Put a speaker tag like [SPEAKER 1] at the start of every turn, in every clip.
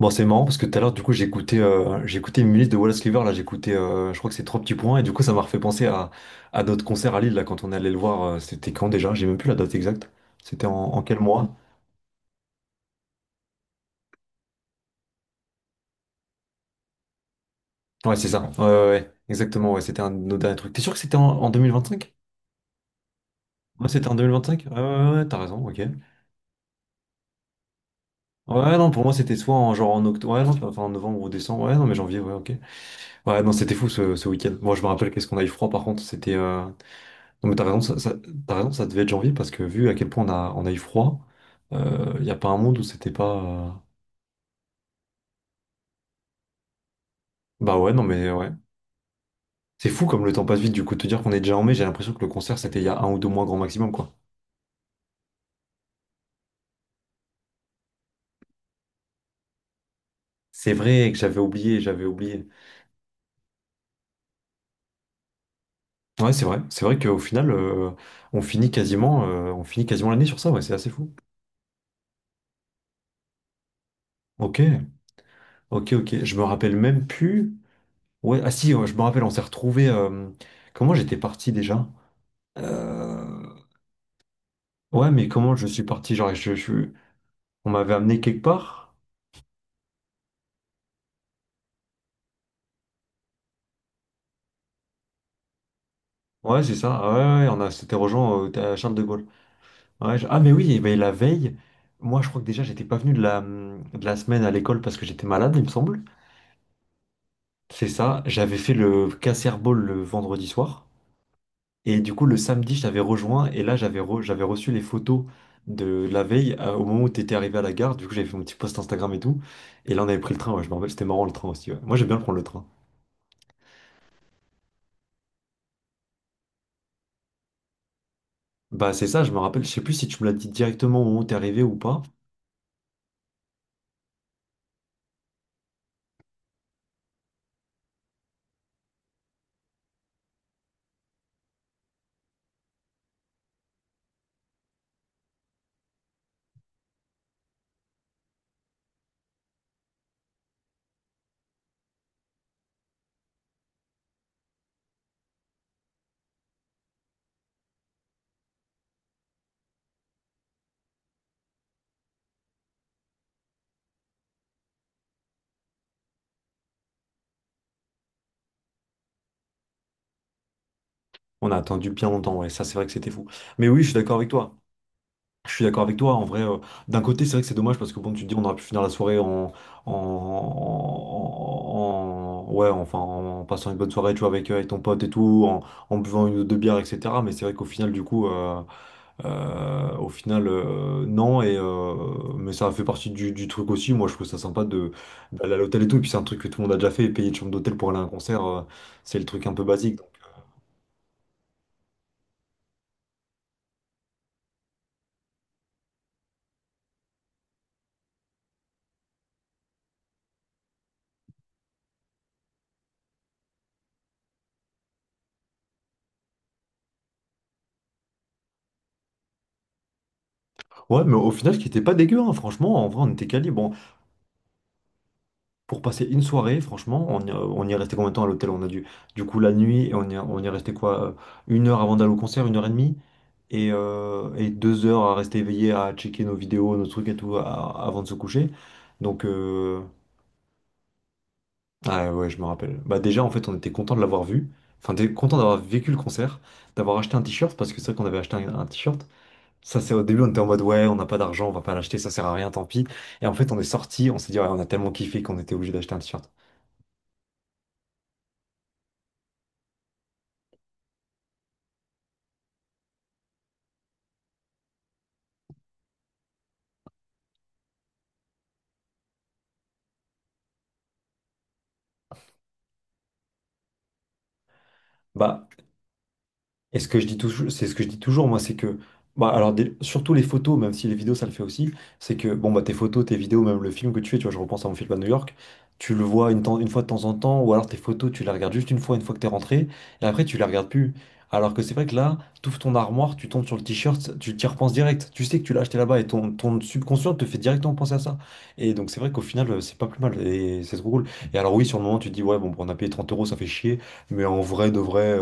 [SPEAKER 1] Bon, c'est marrant parce que tout à l'heure, du coup, j'ai écouté une minute de Wallace Cleaver. Là, j'ai écouté, je crois que c'est Trois Petits Points. Et du coup, ça m'a refait penser à notre concert à Lille, là, quand on est allé le voir. C'était quand déjà? J'ai même plus la date exacte. C'était en quel mois? Ouais, c'est ça. Ouais, ouais, ouais. Exactement. Ouais, c'était un de nos derniers trucs. T'es sûr que c'était en cinq. Ouais, c'était en 2025. Ouais, ouais, ouais, ouais, t'as raison. Ok. Ouais, non, pour moi, c'était soit en, genre en octobre. Ouais, non, enfin, en novembre ou décembre. Ouais, non, mais janvier, ouais, ok. Ouais, non, c'était fou ce week-end. Moi, je me rappelle qu'est-ce qu'on a eu froid, par contre. Non mais t'as raison, t'as raison, ça devait être janvier parce que vu à quel point on a eu froid, il n'y a pas un monde où c'était pas. Bah ouais, non mais ouais. C'est fou comme le temps passe vite, du coup, de te dire qu'on est déjà en mai, j'ai l'impression que le concert c'était il y a un ou deux mois grand maximum, quoi. C'est vrai que j'avais oublié, j'avais oublié. Ouais, c'est vrai qu'au final, on finit quasiment l'année sur ça, ouais, c'est assez fou. Ok, ok, ok, je me rappelle même plus. Ouais, ah si, ouais, je me rappelle, on s'est retrouvés. Comment j'étais parti déjà? Euh... Ouais, mais comment je suis parti? Genre, on m'avait amené quelque part. Ouais, c'est ça. Ah ouais, ouais, on a, c'était à Charles de Gaulle. Ah, mais oui, eh ben, la veille, moi, je crois que déjà, j'étais pas venu de la semaine à l'école parce que j'étais malade, il me semble. C'est ça. J'avais fait le Casserball le vendredi soir. Et du coup, le samedi, je t'avais rejoint. Et là, j'avais reçu les photos de la veille au moment où t'étais arrivé à la gare. Du coup, j'avais fait mon petit post Instagram et tout. Et là, on avait pris le train. Ouais, je me rappelle, c'était marrant le train aussi. Ouais. Moi, j'aime bien prendre le train. Bah, c'est ça, je me rappelle. Je sais plus si tu me l'as dit directement au moment où t'es arrivé ou pas. On a attendu bien longtemps, ouais, ça c'est vrai que c'était fou. Mais oui, je suis d'accord avec toi. Je suis d'accord avec toi. En vrai, d'un côté, c'est vrai que c'est dommage parce que bon, tu te dis, on aurait pu finir la soirée ouais, enfin, en passant une bonne soirée, tu vois, avec, avec ton pote et tout, en, en buvant une ou deux bières, etc. Mais c'est vrai qu'au final, du coup, au final, non. Et mais ça fait partie du truc aussi. Moi, je trouve ça sympa de d'aller à l'hôtel et tout. Et puis c'est un truc que tout le monde a déjà fait, payer une chambre d'hôtel pour aller à un concert, c'est le truc un peu basique. Ouais, mais au final, ce qui était pas dégueu, hein, franchement, en vrai, on était quali. Bon, pour passer une soirée, franchement, on y est resté combien de temps à l'hôtel? On a dû, du coup, la nuit, et on y est resté quoi? Une heure avant d'aller au concert, une heure et demie, et deux heures à rester éveillé, à checker nos vidéos, nos trucs et tout, avant de se coucher. Donc, ah ouais, je me rappelle. Bah, déjà, en fait, on était content de l'avoir vu. Enfin, t'es content d'avoir vécu le concert, d'avoir acheté un t-shirt, parce que c'est vrai qu'on avait acheté un t-shirt. Ça, c'est au début, on était en mode, ouais, on n'a pas d'argent, on va pas l'acheter, ça sert à rien, tant pis. Et en fait, on est sorti, on s'est dit, ouais, on a tellement kiffé qu'on était obligé d'acheter un t-shirt. Bah, Et ce que je dis toujours, c'est ce que je dis toujours, moi, c'est que, bah, alors, surtout les photos, même si les vidéos, ça le fait aussi, c'est que, bon, bah, tes photos, tes vidéos, même le film que tu fais, tu vois, je repense à mon film à New York, tu le vois une fois de temps en temps, ou alors tes photos, tu les regardes juste une fois que t'es rentré, et après, tu les regardes plus. Alors que c'est vrai que là, t'ouvres ton armoire, tu tombes sur le t-shirt, tu t'y repenses direct. Tu sais que tu l'as acheté là-bas et ton, ton subconscient te fait directement penser à ça. Et donc, c'est vrai qu'au final, c'est pas plus mal et c'est trop cool. Et alors, oui, sur le moment, tu te dis, ouais, bon, on a payé 30 euros, ça fait chier, mais en vrai, de vrai,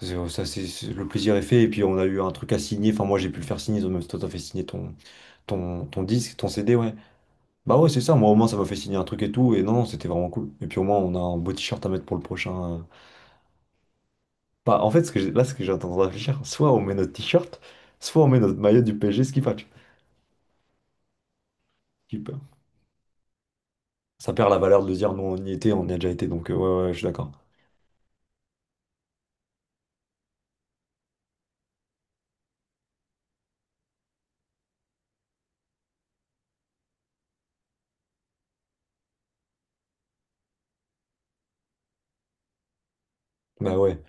[SPEAKER 1] c'est- Ça, c'est, le plaisir est fait. Et puis, on a eu un truc à signer. Enfin, moi, j'ai pu le faire signer. Même si toi, t'as fait signer ton disque, ton CD, ouais. Bah ouais, c'est ça. Moi, au moins, ça m'a fait signer un truc et tout. Et non, non, c'était vraiment cool. Et puis, au moins, on a un beau t-shirt à mettre pour le prochain. Bah, en fait, ce que là, ce que j'ai tendance à réfléchir, soit on met notre t-shirt, soit on met notre maillot du PSG, ce qui fait. Ça perd la valeur de dire, non, on y était, on y a déjà été. Donc, ouais, ouais, je suis d'accord. Bah ouais.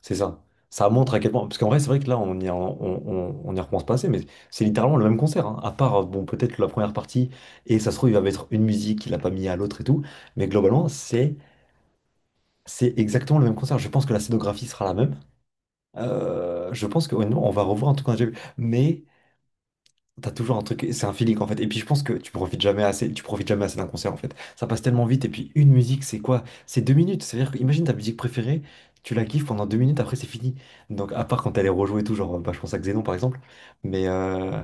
[SPEAKER 1] C'est ça. Ça montre à quel point. Parce qu'en vrai, c'est vrai que là, on y repense pas assez, mais c'est littéralement le même concert. Hein. À part, bon, peut-être la première partie, et ça se trouve, il va mettre une musique qu'il a pas mis à l'autre et tout. Mais globalement, c'est exactement le même concert. Je pense que la scénographie sera la même. Je pense que, honnêtement, on va revoir un truc qu'on a déjà vu. Mais t'as toujours un truc, c'est un feeling en fait. Et puis je pense que tu profites jamais assez, tu profites jamais assez d'un concert en fait. Ça passe tellement vite. Et puis une musique, c'est quoi? C'est deux minutes. C'est-à-dire que imagine ta musique préférée, tu la kiffes pendant deux minutes, après c'est fini. Donc à part quand elle est rejouée et tout, genre bah, je pense à Xénon par exemple. Mais, euh,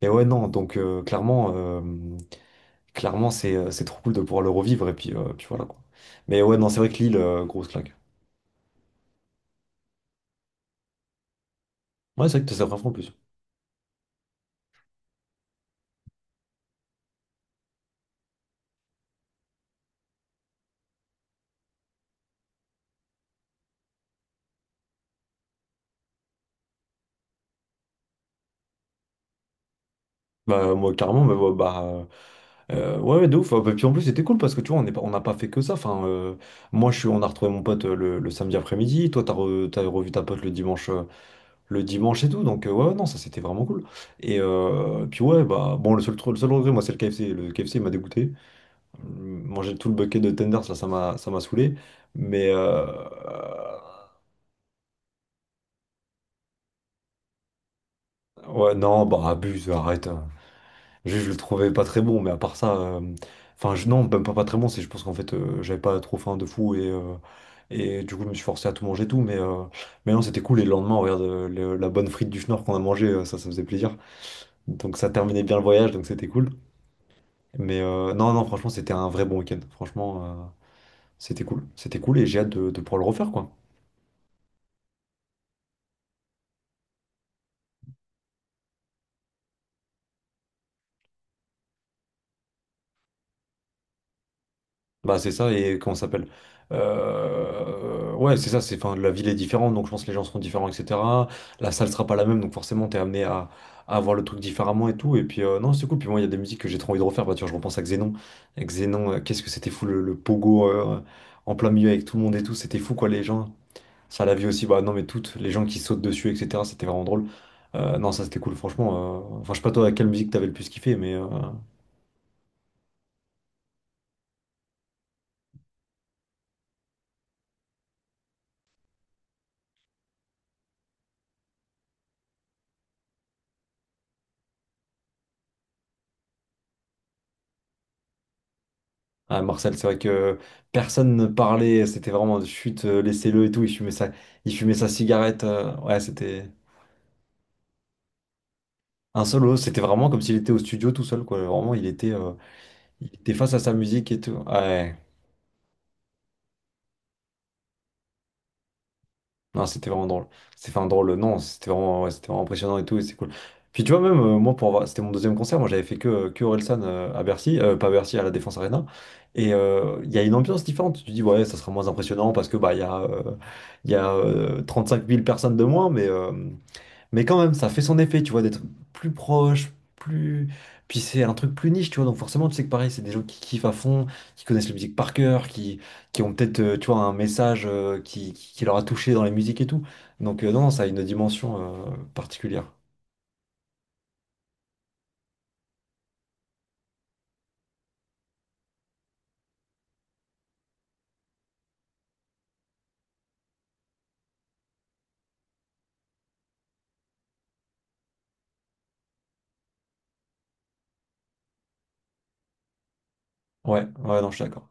[SPEAKER 1] mais ouais, non, donc clairement, clairement c'est trop cool de pouvoir le revivre. Et puis, puis voilà quoi. Mais ouais, non, c'est vrai que Lille, grosse claque. Ouais, c'est vrai que c'est vrai en plus. Bah, moi, carrément, mais ouais, bah, ouais, ouais, de ouf. Et puis en plus, c'était cool parce que tu vois, on n'a pas fait que ça. Enfin, moi, je suis, on a retrouvé mon pote le samedi après-midi. Toi, t'as revu ta pote le dimanche et tout. Donc, ouais, ouais, non, ça, c'était vraiment cool. Et puis, ouais, bah, bon, le seul regret, moi, c'est le KFC. Le KFC, il m'a dégoûté. Manger tout le bucket de tenders, là, ça m'a saoulé. Mais, euh, ouais, non, bah, abuse, arrête. Je le trouvais pas très bon, mais à part ça, non, même pas, pas très bon, c'est je pense qu'en fait, j'avais pas trop faim de fou et du coup, je me suis forcé à tout manger et tout, mais non, c'était cool. Et le lendemain, regarde, la bonne frite du Schnorr qu'on a mangée, ça faisait plaisir. Donc, ça terminait bien le voyage, donc c'était cool. Non, non, franchement, c'était un vrai bon week-end. Franchement, c'était cool. C'était cool et j'ai hâte de pouvoir le refaire, quoi. Bah c'est ça et comment ça s'appelle? Ouais c'est ça, c'est enfin la ville est différente donc je pense que les gens seront différents etc. La salle sera pas la même donc forcément t'es amené à voir le truc différemment et tout et puis non c'est cool puis moi il y a des musiques que j'ai trop envie de refaire bah tu vois je repense à Xénon qu'est-ce que c'était fou le pogo en plein milieu avec tout le monde et tout c'était fou quoi les gens ça la vie aussi bah non mais toutes les gens qui sautent dessus etc c'était vraiment drôle. Non ça c'était cool franchement enfin je sais pas toi à quelle musique t'avais le plus kiffé mais Ah, Marcel, c'est vrai que personne ne parlait, c'était vraiment chute, laissez-le et tout, il fumait sa cigarette, ouais, c'était un solo, c'était vraiment comme s'il était au studio tout seul, quoi, vraiment, il était face à sa musique et tout, ouais. Non, c'était vraiment drôle. C'était enfin drôle, non, c'était vraiment, ouais, c'était vraiment impressionnant et tout, et c'est cool. Puis tu vois, même moi, pour avoir... c'était mon deuxième concert, moi j'avais fait que Orelsan à Bercy, pas à Bercy, à la Défense Arena. Et il y a une ambiance différente. Tu te dis, ouais, ça sera moins impressionnant parce que bah, il y a 35 000 personnes de moins, mais quand même, ça fait son effet, tu vois, d'être plus proche, plus. Puis c'est un truc plus niche, tu vois. Donc forcément, tu sais que pareil, c'est des gens qui kiffent à fond, qui connaissent la musique par cœur, qui ont peut-être, tu vois, un message qui qui leur a touché dans la musique et tout. Donc non, ça a une dimension particulière. Ouais, ouais, non, je suis d'accord.